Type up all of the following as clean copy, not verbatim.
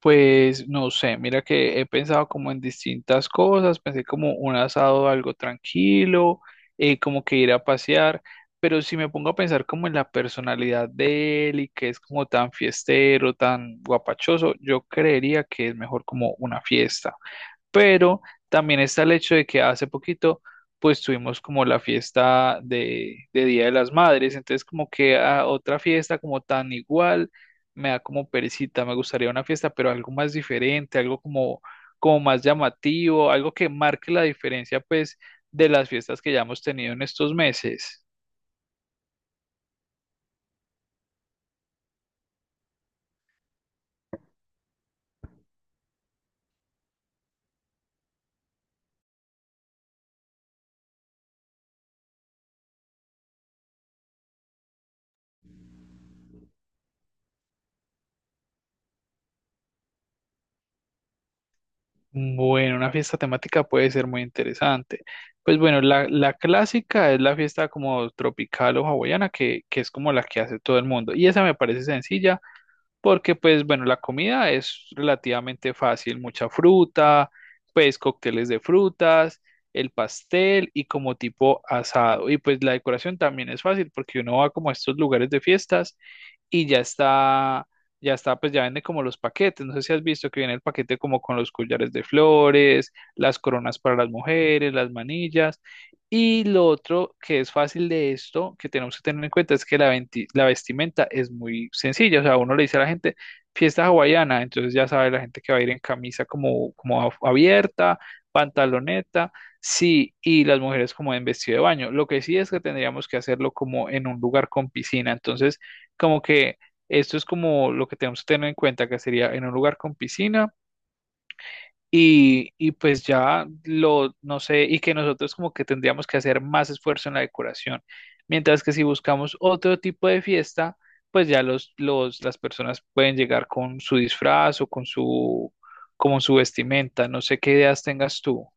Pues no sé, mira que he pensado como en distintas cosas, pensé como un asado algo tranquilo, como que ir a pasear, pero si me pongo a pensar como en la personalidad de él y que es como tan fiestero, tan guapachoso, yo creería que es mejor como una fiesta, pero también está el hecho de que hace poquito pues tuvimos como la fiesta de Día de las Madres, entonces como que a otra fiesta como tan igual me da como perecita. Me gustaría una fiesta pero algo más diferente, algo como, como más llamativo, algo que marque la diferencia pues de las fiestas que ya hemos tenido en estos meses. Bueno, una fiesta temática puede ser muy interesante. Pues bueno, la clásica es la fiesta como tropical o hawaiana, que es como la que hace todo el mundo. Y esa me parece sencilla porque pues bueno, la comida es relativamente fácil, mucha fruta, pues cócteles de frutas, el pastel y como tipo asado. Y pues la decoración también es fácil porque uno va como a estos lugares de fiestas y ya está, pues ya vende como los paquetes. No sé si has visto que viene el paquete como con los collares de flores, las coronas para las mujeres, las manillas. Y lo otro que es fácil de esto, que tenemos que tener en cuenta, es que la, la vestimenta es muy sencilla. O sea, uno le dice a la gente fiesta hawaiana, entonces ya sabe la gente que va a ir en camisa como, como abierta, pantaloneta. Sí, y las mujeres como en vestido de baño. Lo que sí es que tendríamos que hacerlo como en un lugar con piscina. Entonces, como que esto es como lo que tenemos que tener en cuenta, que sería en un lugar con piscina y pues ya lo, no sé, y que nosotros como que tendríamos que hacer más esfuerzo en la decoración. Mientras que si buscamos otro tipo de fiesta, pues ya los, las personas pueden llegar con su disfraz o con su, como su vestimenta. No sé qué ideas tengas tú.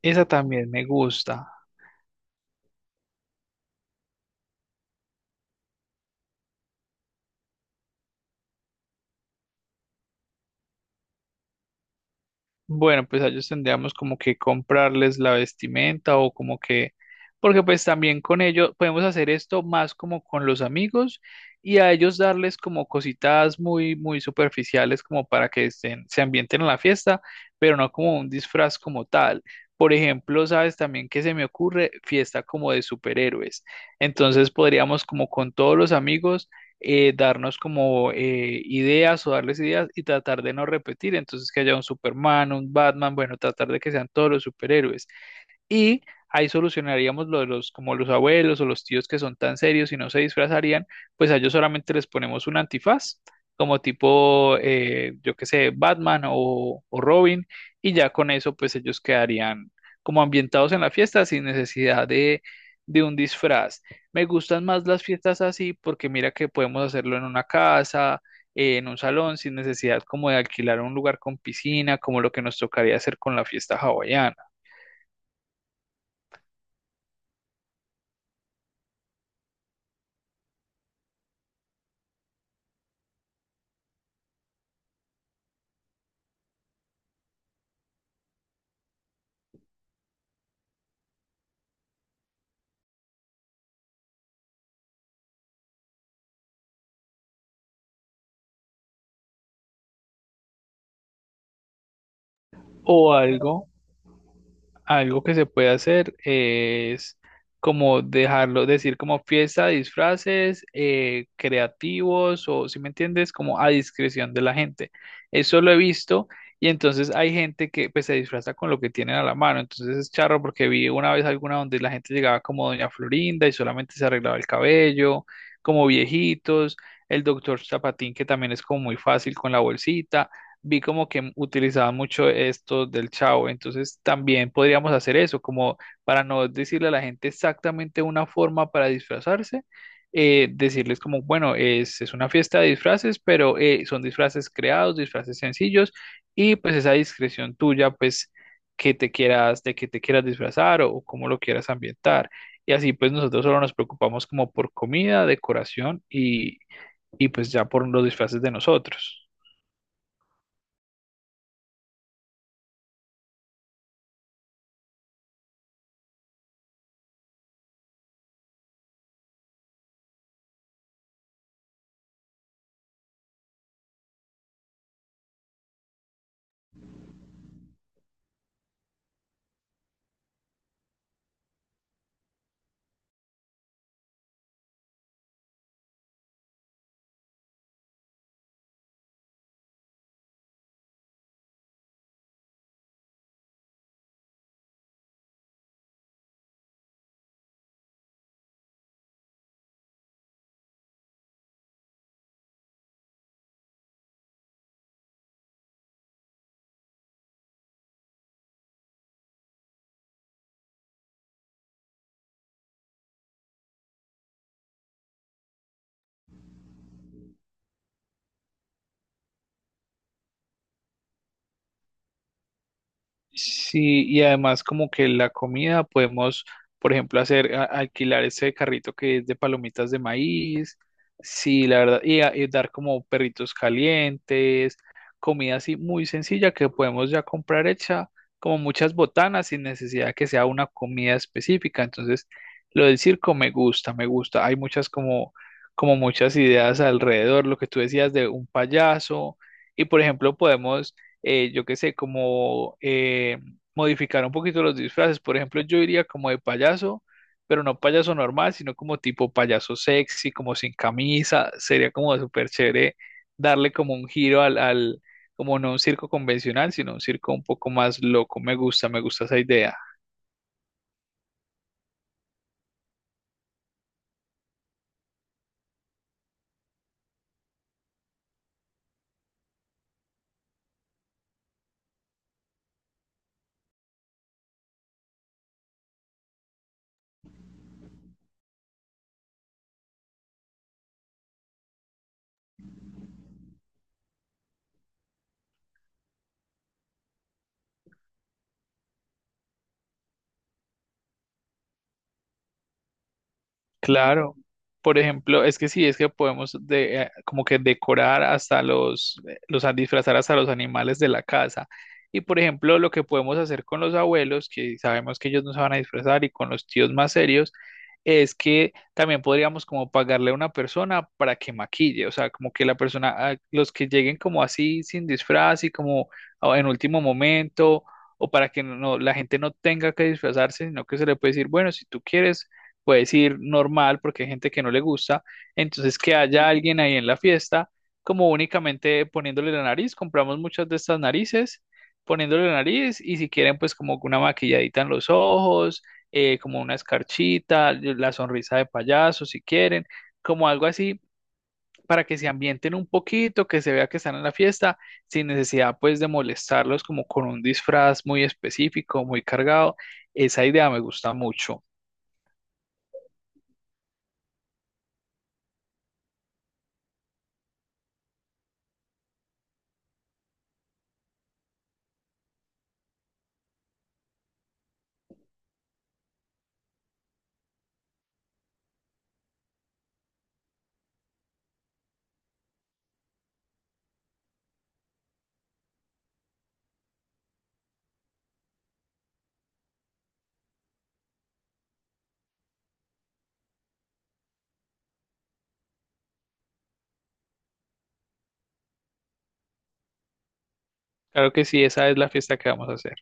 Esa también me gusta. Bueno, pues a ellos tendríamos como que comprarles la vestimenta o como que, porque pues también con ellos podemos hacer esto más como con los amigos y a ellos darles como cositas muy, muy superficiales como para que estén, se ambienten en la fiesta, pero no como un disfraz como tal. Por ejemplo, sabes también que se me ocurre fiesta como de superhéroes. Entonces podríamos como con todos los amigos darnos como ideas o darles ideas y tratar de no repetir. Entonces, que haya un Superman, un Batman, bueno, tratar de que sean todos los superhéroes y ahí solucionaríamos lo de los, como los abuelos o los tíos que son tan serios y no se disfrazarían, pues a ellos solamente les ponemos un antifaz, como tipo, yo qué sé, Batman o Robin, y ya con eso pues ellos quedarían como ambientados en la fiesta sin necesidad de un disfraz. Me gustan más las fiestas así porque mira que podemos hacerlo en una casa, en un salón sin necesidad como de alquilar un lugar con piscina, como lo que nos tocaría hacer con la fiesta hawaiana. O algo, algo que se puede hacer es como dejarlo, decir como fiesta, disfraces, creativos o, si me entiendes, como a discreción de la gente. Eso lo he visto y entonces hay gente que pues se disfraza con lo que tienen a la mano. Entonces es charro porque vi una vez alguna donde la gente llegaba como Doña Florinda y solamente se arreglaba el cabello, como viejitos, el doctor Zapatín que también es como muy fácil con la bolsita. Vi como que utilizaba mucho esto del chavo, entonces también podríamos hacer eso, como para no decirle a la gente exactamente una forma para disfrazarse, decirles como, bueno, es una fiesta de disfraces, pero son disfraces creados, disfraces sencillos, y pues esa discreción tuya, pues que te quieras, de que te quieras disfrazar o cómo lo quieras ambientar. Y así pues nosotros solo nos preocupamos como por comida, decoración y pues ya por los disfraces de nosotros. Sí, y además como que la comida podemos, por ejemplo, hacer, alquilar ese carrito que es de palomitas de maíz, sí, la verdad, y, y dar como perritos calientes, comida así muy sencilla que podemos ya comprar hecha, como muchas botanas sin necesidad que sea una comida específica. Entonces, lo del circo me gusta, me gusta. Hay muchas como, como muchas ideas alrededor, lo que tú decías de un payaso, y por ejemplo, podemos yo qué sé, como modificar un poquito los disfraces. Por ejemplo, yo iría como de payaso, pero no payaso normal, sino como tipo payaso sexy, como sin camisa. Sería como súper chévere darle como un giro al, al, como no un circo convencional, sino un circo un poco más loco. Me gusta esa idea. Claro, por ejemplo, es que sí, es que podemos de, como que decorar hasta los disfrazar hasta los animales de la casa. Y por ejemplo, lo que podemos hacer con los abuelos, que sabemos que ellos no se van a disfrazar, y con los tíos más serios, es que también podríamos como pagarle a una persona para que maquille, o sea, como que la persona, ah, los que lleguen como así sin disfraz y como ah, en último momento, o para que no, no, la gente no tenga que disfrazarse, sino que se le puede decir, bueno, si tú quieres puedes ir normal porque hay gente que no le gusta, entonces que haya alguien ahí en la fiesta, como únicamente poniéndole la nariz, compramos muchas de estas narices, poniéndole la nariz y si quieren pues como una maquilladita en los ojos, como una escarchita, la sonrisa de payaso si quieren, como algo así para que se ambienten un poquito, que se vea que están en la fiesta, sin necesidad pues de molestarlos como con un disfraz muy específico, muy cargado. Esa idea me gusta mucho. Claro que sí, esa es la fiesta que vamos a hacer.